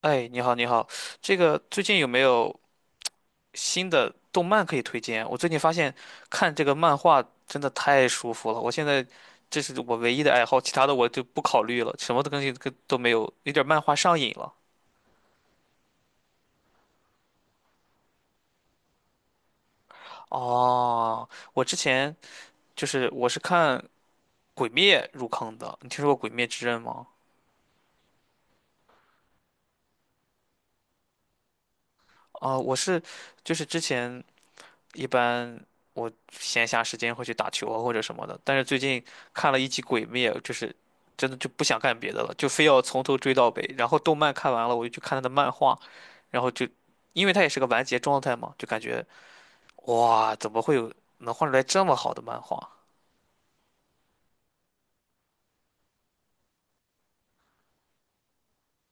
哎，你好，你好，这个最近有没有新的动漫可以推荐？我最近发现看这个漫画真的太舒服了，我现在这是我唯一的爱好，其他的我就不考虑了，什么东西都没有，有点漫画上瘾了。哦，我之前就是我是看《鬼灭》入坑的，你听说过《鬼灭之刃》吗？啊、我是就是之前一般我闲暇时间会去打球啊或者什么的，但是最近看了一集《鬼灭》，就是真的就不想干别的了，就非要从头追到尾。然后动漫看完了，我就去看他的漫画，然后就因为它也是个完结状态嘛，就感觉哇，怎么会有能画出来这么好的漫画？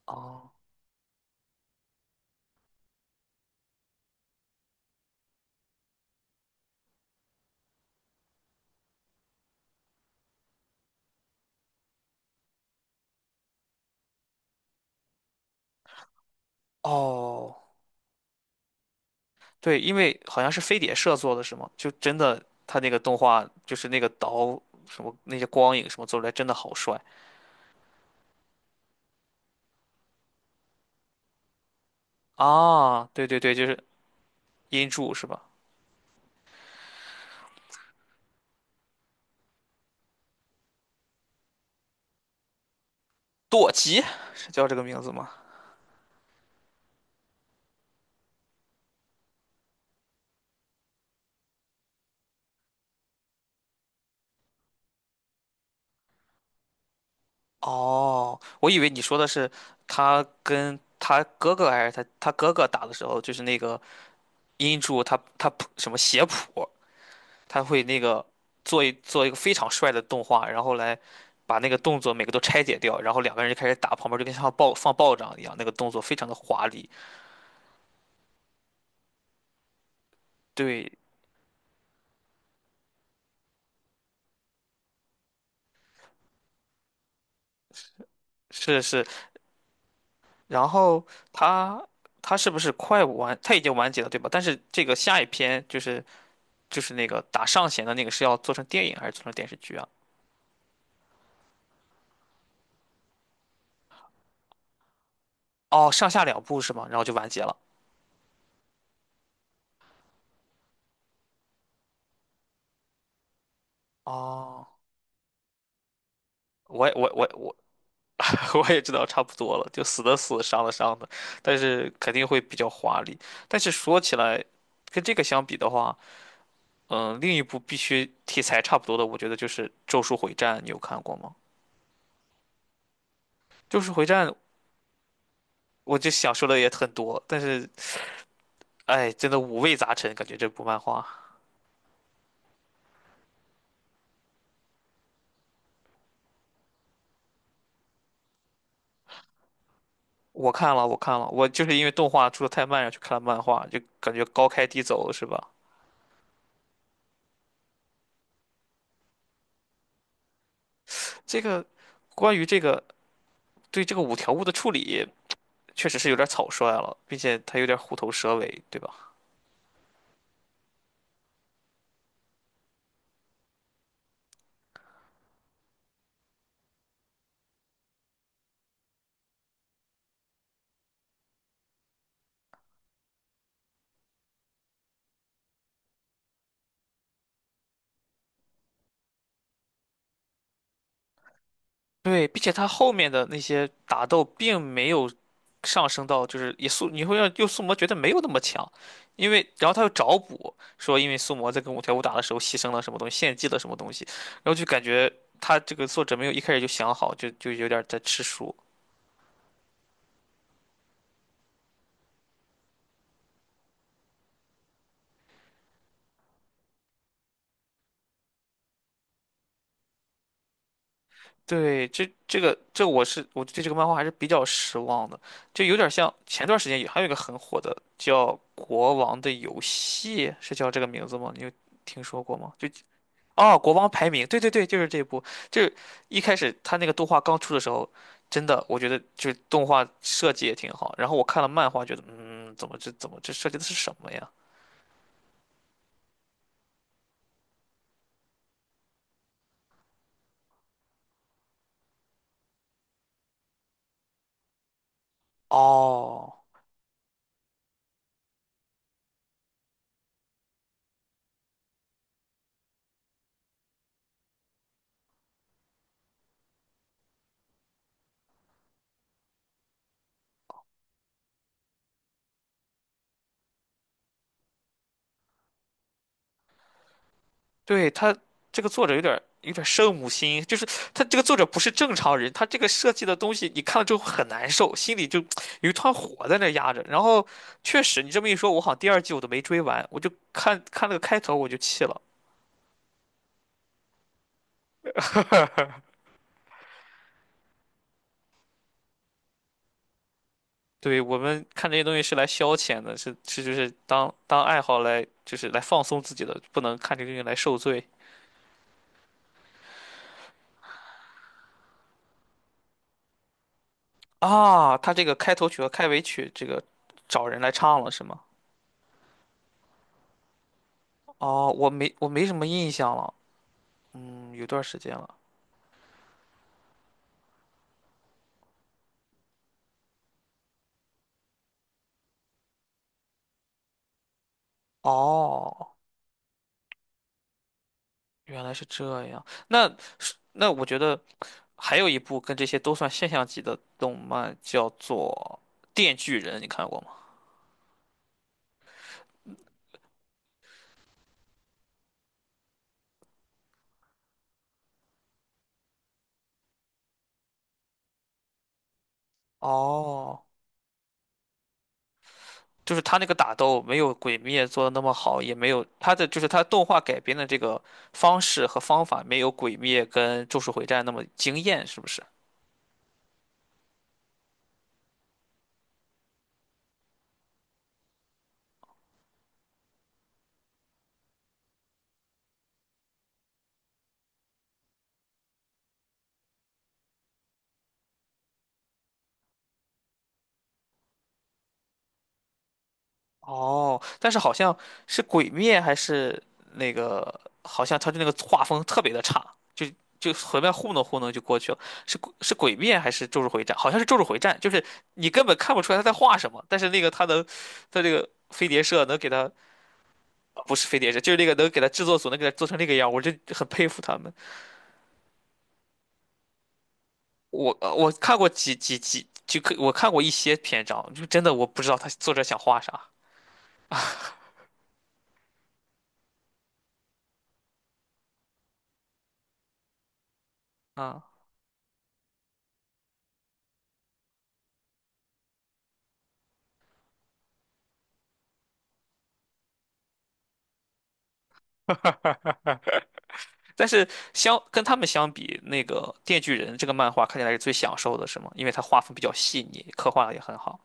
哦哦，对，因为好像是飞碟社做的是吗？就真的他那个动画就是那个刀什么那些光影什么做出来真的好帅啊！对对对，就是音柱是吧？舵吉是叫这个名字吗？哦，我以为你说的是他跟他哥哥还是他哥哥打的时候，就是那个音柱他谱什么写谱，他会那个做一个非常帅的动画，然后来把那个动作每个都拆解掉，然后两个人就开始打，旁边就跟像爆仗一样，那个动作非常的华丽。对，是是，然后他他是不是快完？他已经完结了对吧？但是这个下一篇就是那个打上弦的那个是要做成电影还是做成电视剧啊？哦，上下两部是吗？然后就完结了。哦，我也我我我 我也知道差不多了，就死的死，伤的伤的，但是肯定会比较华丽。但是说起来，跟这个相比的话，另一部必须题材差不多的，我觉得就是《咒术回战》，你有看过吗？《咒术回战》我就想说的也很多，但是哎，真的五味杂陈，感觉这部漫画。我看了，我看了，我就是因为动画出的太慢，然后去看了漫画，就感觉高开低走是吧？这个关于这个对这个五条悟的处理，确实是有点草率了，并且他有点虎头蛇尾，对吧？对，并且他后面的那些打斗并没有上升到，就是也宿，你会让又宿魔觉得没有那么强，因为然后他又找补说，因为宿魔在跟五条悟打的时候牺牲了什么东西，献祭了什么东西，然后就感觉他这个作者没有一开始就想好，就有点在吃书。对，这个这我是我对这个漫画还是比较失望的，就有点像前段时间也还有一个很火的叫《国王的游戏》，是叫这个名字吗？你有听说过吗？哦，《国王排名》，对对对，就是这部，就是一开始他那个动画刚出的时候，真的我觉得就是动画设计也挺好，然后我看了漫画，觉得嗯，怎么这设计的是什么呀？哦。对，他这个作者有点圣母心，就是他这个作者不是正常人，他这个设计的东西你看了之后很难受，心里就有一团火在那压着。然后确实，你这么一说，我好像第二季我都没追完，我就看看那个开头我就气了。对，我们看这些东西是来消遣的，是是就是当爱好来就是来放松自己的，不能看这个东西来受罪啊。他这个开头曲和开尾曲这个找人来唱了是吗？哦，我没什么印象了，有段时间了。哦，原来是这样。那我觉得还有一部跟这些都算现象级的动漫，叫做《电锯人》，你看过吗？哦，就是他那个打斗没有《鬼灭》做的那么好，也没有他的就是他动画改编的这个方式和方法没有《鬼灭》跟《咒术回战》那么惊艳，是不是？哦，但是好像是《鬼灭》还是那个，好像他的那个画风特别的差，就就随便糊弄糊弄就过去了。是《鬼灭》还是《咒术回战》？好像是《咒术回战》，就是你根本看不出来他在画什么，但是那个他能，他这个飞碟社能给他，不是飞碟社，就是那个能给他制作组能给他做成那个样，我就很佩服他们。我看过几，就可我看过一些篇章，就真的我不知道他作者想画啥。嗯但是跟他们相比，那个《电锯人》这个漫画看起来是最享受的，是吗？因为它画风比较细腻，刻画的也很好。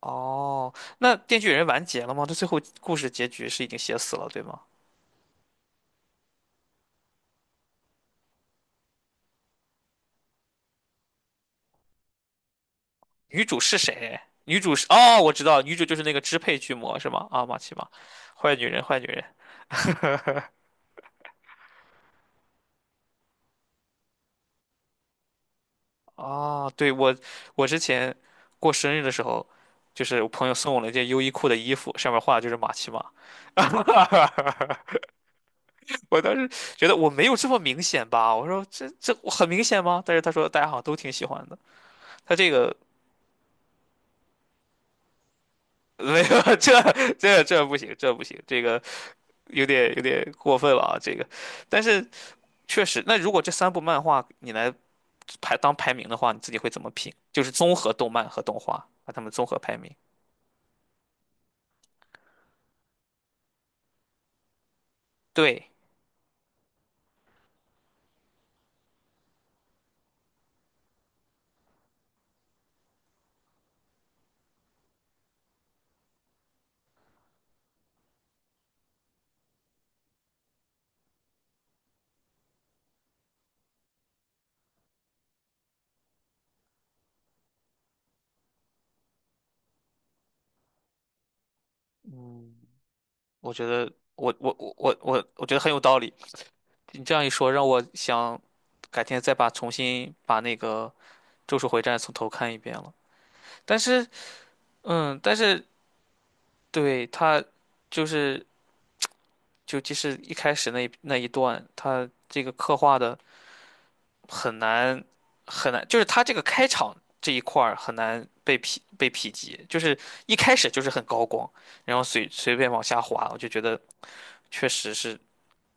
哦，那《电锯人》完结了吗？这最后故事结局是已经写死了，对吗？女主是谁？女主是哦，我知道，女主就是那个支配巨魔，是吗？啊，玛奇玛，坏女人，坏女人。哦，对，我之前过生日的时候，就是我朋友送我了一件优衣库的衣服，上面画的就是玛奇玛。我当时觉得我没有这么明显吧，我说这我很明显吗？但是他说大家好像都挺喜欢的，他这个 没有，这不行，这不行，这个有点过分了啊，这个。但是确实，那如果这三部漫画你来排名的话，你自己会怎么评？就是综合动漫和动画，把它们综合排名。对，嗯，我觉得我觉得很有道理。你这样一说，让我想改天再重新把那个。咒术回战》从头看一遍了。但是，但是对他就是就即使一开始那一段，他这个刻画的很难很难，就是他这个开场这一块儿很难被匹及，就是一开始就是很高光，然后随便往下滑，我就觉得确实是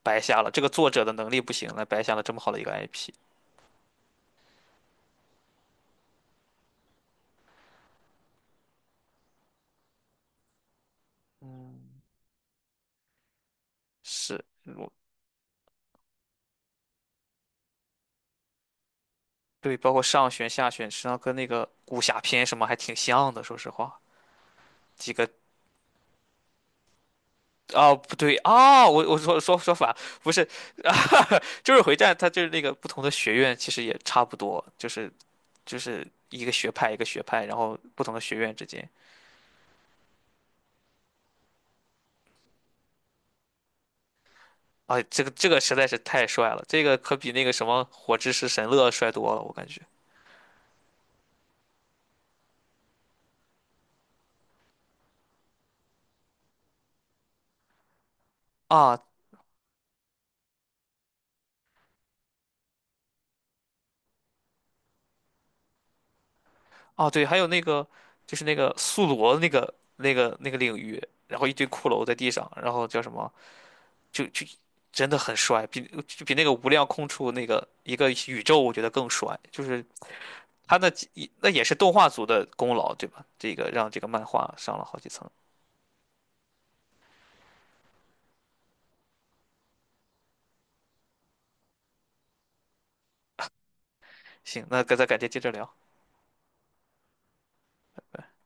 白瞎了。这个作者的能力不行了，白瞎了这么好的一个 IP。嗯，是，对，包括上旋、下旋，实际上跟那个武侠片什么还挺像的，说实话，几个哦，不对啊，我说反，不是，就是回战，它就是那个不同的学院其实也差不多，就是一个学派一个学派，然后不同的学院之间，啊，这个实在是太帅了，这个可比那个什么火之石神乐帅多了，我感觉啊啊对，还有那个就是那个宿罗那个领域，然后一堆骷髅在地上，然后叫什么就真的很帅，比那个无量空处那个一个宇宙我觉得更帅，就是。他那也是动画组的功劳，对吧？这个让这个漫画上了好几层。行，那咱改天接着聊。